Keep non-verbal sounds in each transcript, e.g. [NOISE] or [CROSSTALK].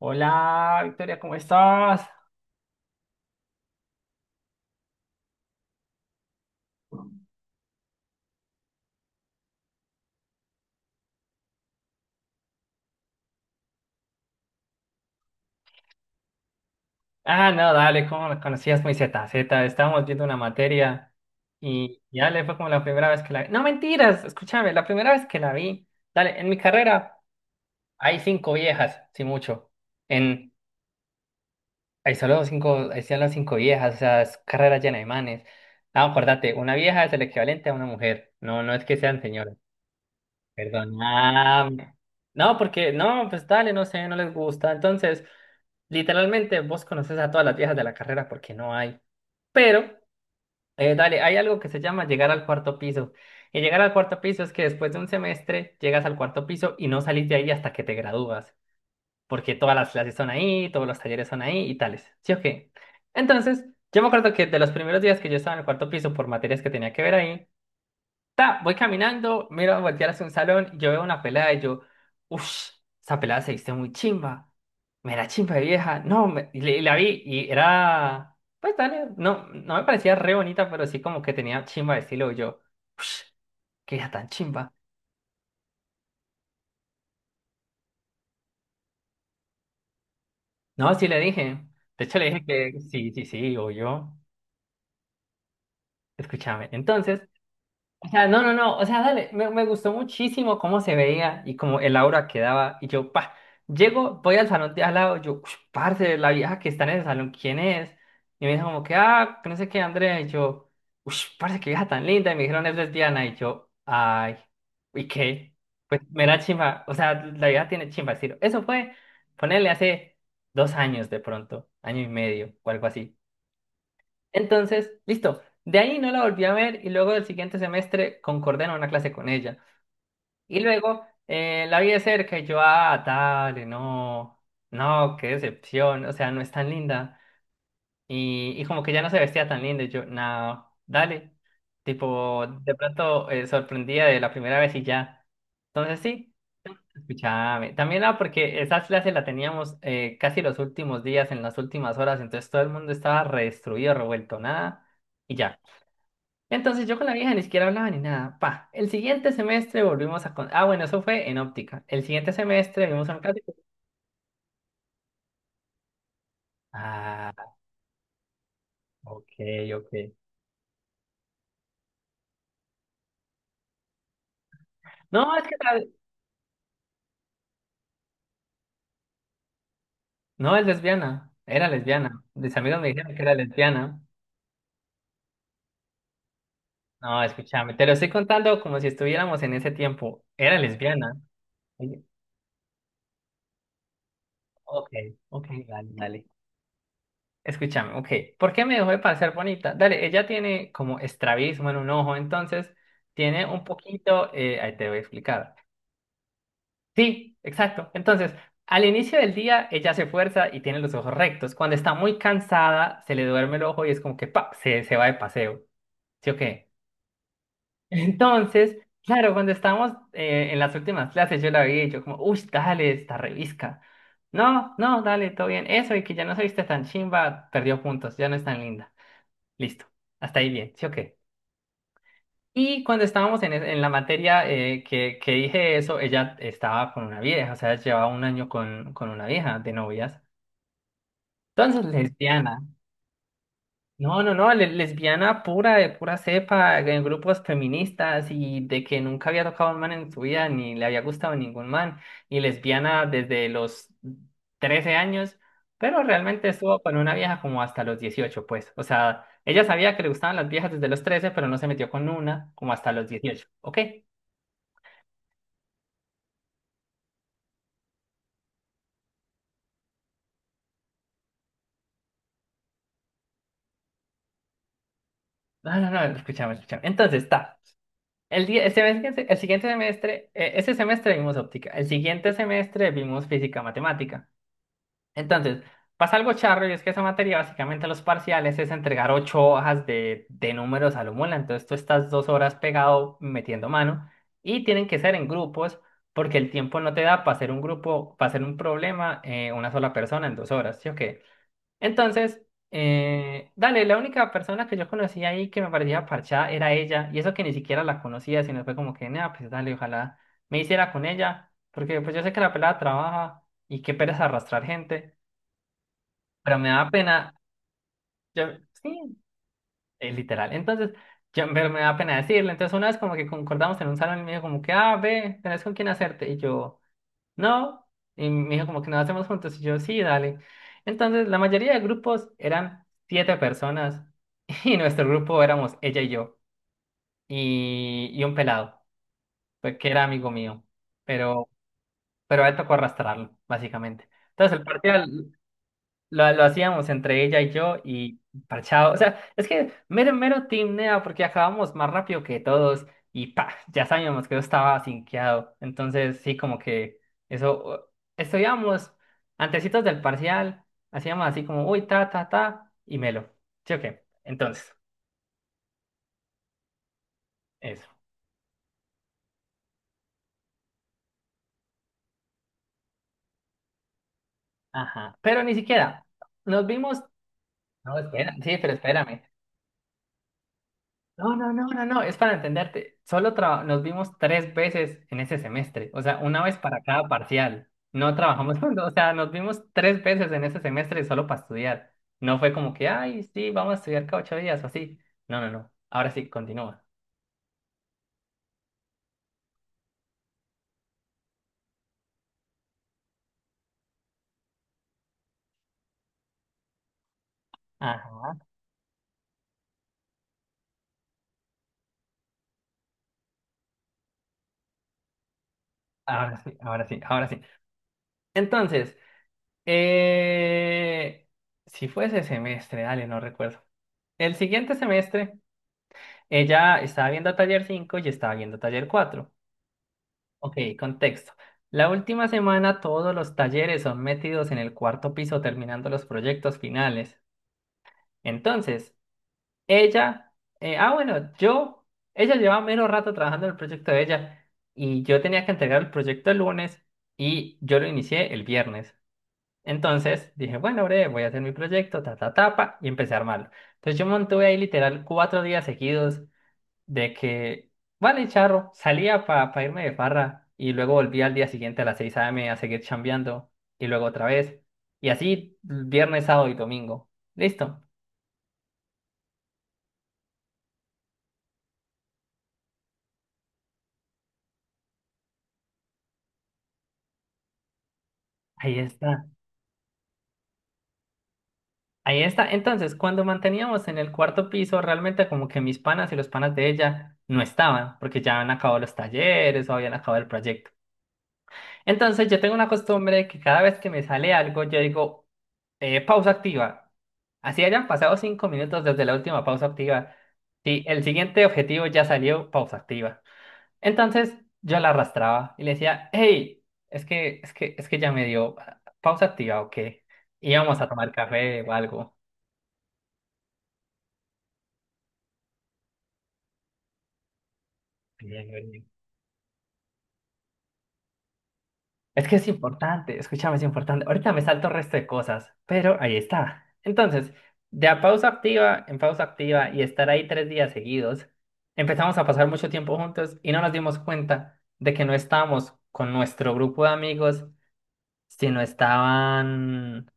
Hola, Victoria, ¿cómo estás? Ah, no, dale, ¿cómo me conocías muy ZZ? Estábamos viendo una materia y dale, fue como la primera vez que la vi. No, mentiras, escúchame, la primera vez que la vi. Dale, en mi carrera hay cinco viejas, sí mucho. En, hay solo cinco viejas, o sea, es carrera llena de manes. Ah, acordate, una vieja es el equivalente a una mujer. No, no es que sean señoras, perdón. Ah, no, porque, no, pues dale, no sé, no les gusta. Entonces. Literalmente vos conoces a todas las viejas de la carrera porque no hay. Pero, dale, hay algo que se llama llegar al cuarto piso. Y llegar al cuarto piso es que después de un semestre llegas al cuarto piso y no salís de ahí hasta que te gradúas. Porque todas las clases son ahí, todos los talleres son ahí y tales. ¿Sí o qué? Entonces, yo me acuerdo que de los primeros días que yo estaba en el cuarto piso por materias que tenía que ver ahí, ta, voy caminando, miro a voltear hacia un salón, yo veo una pelada y yo, uff, esa pelada se viste muy chimba. Me la chimba de vieja. No, y, y la vi y era, pues dale, no, no me parecía re bonita, pero sí como que tenía chimba de estilo. Y yo, uff, qué hija tan chimba. No, sí le dije. De hecho le dije que sí, sí, sí, o yo. Escúchame. Entonces, o sea, no, no, no, o sea, dale, me gustó muchísimo cómo se veía y cómo el aura que daba. Y yo, pa, llego, voy al salón de al lado, yo, ush, parce, la vieja que está en el salón, ¿quién es? Y me dijo como que, ah, que no sé qué, Andrea. Y yo, uff, parce, qué vieja tan linda. Y me dijeron, es lesbiana. Y yo, ay, ¿y qué? Pues me da chimba, o sea, la vieja tiene chimba, estilo. Eso fue, ponerle hace 2 años de pronto, año y medio o algo así. Entonces, listo. De ahí no la volví a ver y luego del siguiente semestre concordé en una clase con ella. Y luego la vi de cerca y yo, ah, dale, no, no, qué decepción, o sea, no es tan linda. Y como que ya no se vestía tan linda y yo, no, dale. Tipo, de pronto sorprendía de la primera vez y ya. Entonces sí, escúchame. También porque esa clase la teníamos casi los últimos días, en las últimas horas, entonces todo el mundo estaba re destruido, revuelto, nada. Y ya. Entonces yo con la vieja ni siquiera hablaba ni nada. Pa, el siguiente semestre volvimos a... Ah, bueno, eso fue en óptica. El siguiente semestre vimos a un clásico. Ah, ok, ok. No, es que no es lesbiana. Era lesbiana. Mis amigos me dijeron que era lesbiana. No, escúchame, te lo estoy contando como si estuviéramos en ese tiempo. Era lesbiana. Oye, ok, ok, dale, dale. Escúchame, ok. ¿Por qué me dejó de parecer bonita? Dale, ella tiene como estrabismo en un ojo, entonces tiene un poquito, ahí te voy a explicar. Sí, exacto. Entonces, al inicio del día ella se fuerza y tiene los ojos rectos. Cuando está muy cansada, se le duerme el ojo y es como que pa, se va de paseo. ¿Sí o qué? [LAUGHS] Entonces, claro, cuando estábamos en las últimas clases, yo la vi y yo como, uy, dale, esta revisca. No, no, dale, todo bien. Eso y que ya no se viste tan chimba, perdió puntos, ya no es tan linda. Listo. Hasta ahí bien, ¿sí o qué? Y cuando estábamos en la materia que dije eso, ella estaba con una vieja, o sea, llevaba un año con una vieja de novias. Entonces, lesbiana. No, no, no, lesbiana pura, de pura cepa, en grupos feministas y de que nunca había tocado a un man en su vida, ni le había gustado ningún man. Y lesbiana desde los 13 años, pero realmente estuvo con una vieja como hasta los 18 pues. O sea, ella sabía que le gustaban las viejas desde los 13 pero no se metió con una como hasta los 18, ¿ok? No, no, no, escúchame, escúchame. Entonces está. El día, el semestre, el siguiente semestre, ese semestre vimos óptica, el siguiente semestre vimos física matemática. Entonces, pasa algo charro y es que esa materia básicamente los parciales es entregar ocho hojas de números a lo mola. Entonces tú estás 2 horas pegado metiendo mano y tienen que ser en grupos porque el tiempo no te da para hacer un grupo, para hacer un problema una sola persona en 2 horas, ¿sí o qué? Entonces, dale, la única persona que yo conocía ahí que me parecía parchada era ella, y eso que ni siquiera la conocía, sino fue como que, nada, pues dale, ojalá me hiciera con ella, porque pues yo sé que la pelada trabaja y qué pereza arrastrar gente, pero me da pena, yo, sí, literal, entonces, yo, pero me da pena decirle, entonces una vez como que concordamos en un salón y me dijo como que, ah, ve, tenés con quién hacerte, y yo... No. Y me dijo como que nos hacemos juntos. Y yo, sí, dale. Entonces, la mayoría de grupos eran siete personas [LAUGHS] y nuestro grupo éramos ella y yo y un pelado, pues, que era amigo mío, pero, pero a él tocó arrastrarlo, básicamente. Entonces, el parcial lo hacíamos entre ella y yo y parchado. O sea, es que mero, mero team Nea, porque acabamos más rápido que todos y pa, ya sabíamos que yo estaba sinqueado. Entonces, sí, como que eso, estudiábamos antecitos del parcial, hacíamos así como, uy, ta, ta, ta, y melo. ¿Sí o qué? Entonces, eso. Ajá. Pero ni siquiera nos vimos. No, espera, sí, pero espérame. No, no, no, no, no, es para entenderte. Solo nos vimos tres veces en ese semestre, o sea, una vez para cada parcial. No trabajamos [LAUGHS] juntos, o sea, nos vimos tres veces en ese semestre solo para estudiar. No fue como que, ay, sí, vamos a estudiar cada 8 días o así. No, no, no. Ahora sí, continúa. Ah, ahora sí, ahora sí, ahora sí. Entonces, eh... si fue ese semestre, dale, no recuerdo. El siguiente semestre, ella estaba viendo taller 5 y estaba viendo taller 4. Ok, contexto. La última semana todos los talleres son metidos en el cuarto piso terminando los proyectos finales. Entonces, ella, ah bueno, yo, ella llevaba menos rato trabajando en el proyecto de ella y yo tenía que entregar el proyecto el lunes y yo lo inicié el viernes. Entonces dije, bueno, breve, voy a hacer mi proyecto, ta, ta, tapa, y empecé a armarlo. Entonces yo montuve ahí literal 4 días seguidos de que, vale, charro, salía para irme de farra y luego volvía al día siguiente a las 6 a.m. a seguir chambeando y luego otra vez. Y así viernes, sábado y domingo. Listo, ahí está. Ahí está. Entonces, cuando manteníamos en el cuarto piso, realmente como que mis panas y los panas de ella no estaban, porque ya habían acabado los talleres o habían acabado el proyecto. Entonces yo tengo una costumbre que cada vez que me sale algo, yo digo, pausa activa. Así hayan pasado 5 minutos desde la última pausa activa. Si el siguiente objetivo ya salió, pausa activa. Entonces yo la arrastraba y le decía, hey, es que ya me dio pausa activa o qué. Íbamos a tomar café o algo. Es que es importante, escúchame, es importante. Ahorita me salto el resto de cosas, pero ahí está. Entonces, de a pausa activa en pausa activa y estar ahí 3 días seguidos, empezamos a pasar mucho tiempo juntos y no nos dimos cuenta de que no estábamos con nuestro grupo de amigos, sino estaban,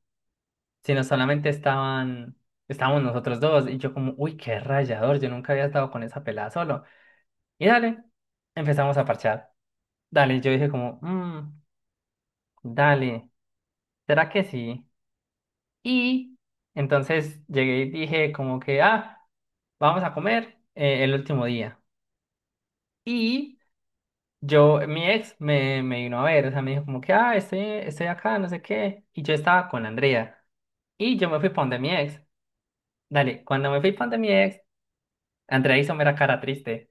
sino solamente estaban, estábamos nosotros dos. Y yo como, uy, qué rayador, yo nunca había estado con esa pelada solo. Y dale, empezamos a parchar. Dale, yo dije como, "Mm, dale, ¿será que sí?". Y entonces llegué y dije como que, ah, vamos a comer el último día. Y yo, mi ex me vino a ver, o sea, me dijo como que, ah, estoy acá, no sé qué. Y yo estaba con Andrea. Y yo me fui para donde mi ex. Dale, cuando me fui para donde mi ex, Andrea hizo mera cara triste.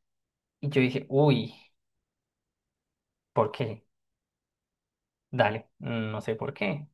Y yo dije, uy, ¿por qué? Dale, no sé por qué.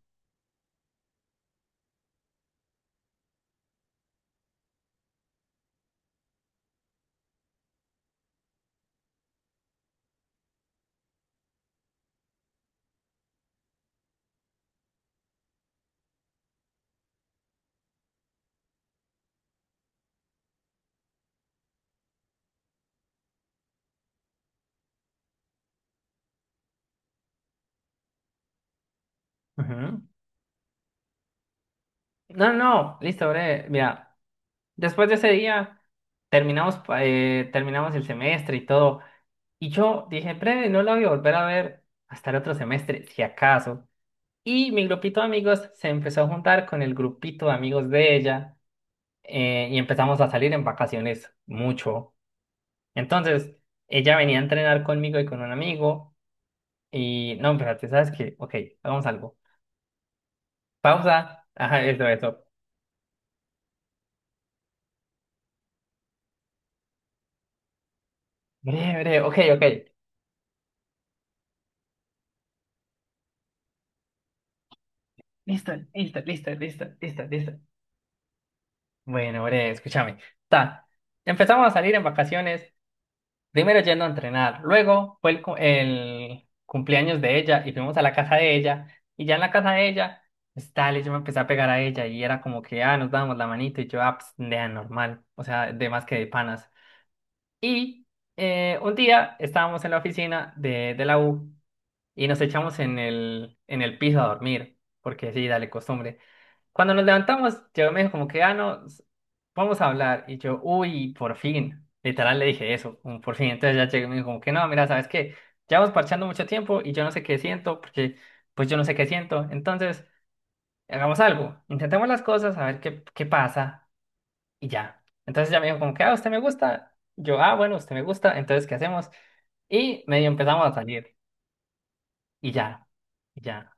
Ujú. No, no, listo, breve. Mira, después de ese día terminamos, terminamos el semestre y todo. Y yo dije, breve, no la voy a volver a ver hasta el otro semestre, si acaso. Y mi grupito de amigos se empezó a juntar con el grupito de amigos de ella y empezamos a salir en vacaciones mucho. Entonces, ella venía a entrenar conmigo y con un amigo. Y no, espérate, ¿sabes qué? Ok, hagamos algo. Pausa. Ajá, eso, eso. Breve, breve, ok, ok. Listo, listo, listo, listo, listo, listo. Bueno, breve, escúchame. Ta. Empezamos a salir en vacaciones. Primero yendo a entrenar, luego fue el cumpleaños de ella y fuimos a la casa de ella. Y ya en la casa de ella, pues dale, yo me empecé a pegar a ella y era como que, ah, nos dábamos la manito y yo, ah, pues, nea, normal, o sea, de más que de panas. Y un día estábamos en la oficina de la U y nos echamos en el piso a dormir, porque sí, dale, costumbre. Cuando nos levantamos, yo me dijo como que, ah, no, vamos a hablar. Y yo, uy, por fin. Literal le dije eso, un por fin. Entonces ya llegué y me dijo como que, no, mira, ¿sabes qué? Llevamos parchando mucho tiempo y yo no sé qué siento, porque pues yo no sé qué siento. Entonces, hagamos algo. Intentemos las cosas, a ver qué pasa y ya. Entonces ya me dijo como que, ah, usted me gusta. Yo, ah, bueno, usted me gusta. Entonces, ¿qué hacemos? Y medio empezamos a salir. Y ya. Y ya.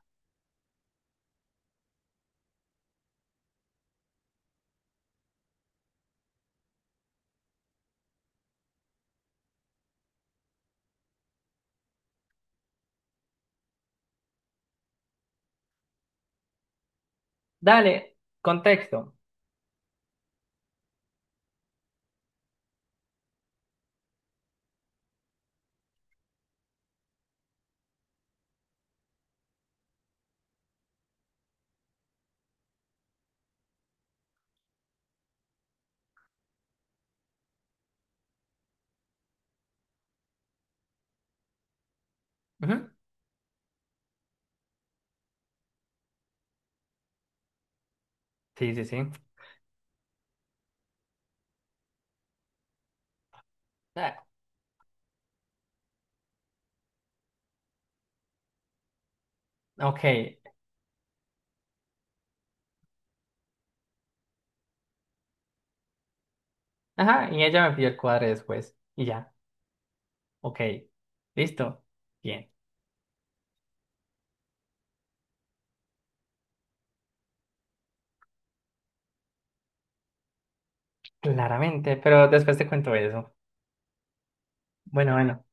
Dale, contexto. Ujú. Sí, sí, sí. Ah, ok. Ajá, y ella me pidió el cuadre después. Y ya, ok, listo, bien, claramente, pero después te cuento eso. Bueno, bueno,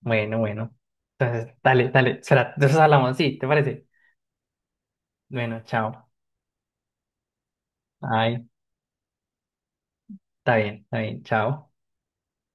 bueno, bueno. Entonces, dale, dale, será, de eso hablamos, sí, ¿te parece? Bueno, chao. Ay, está bien, chao.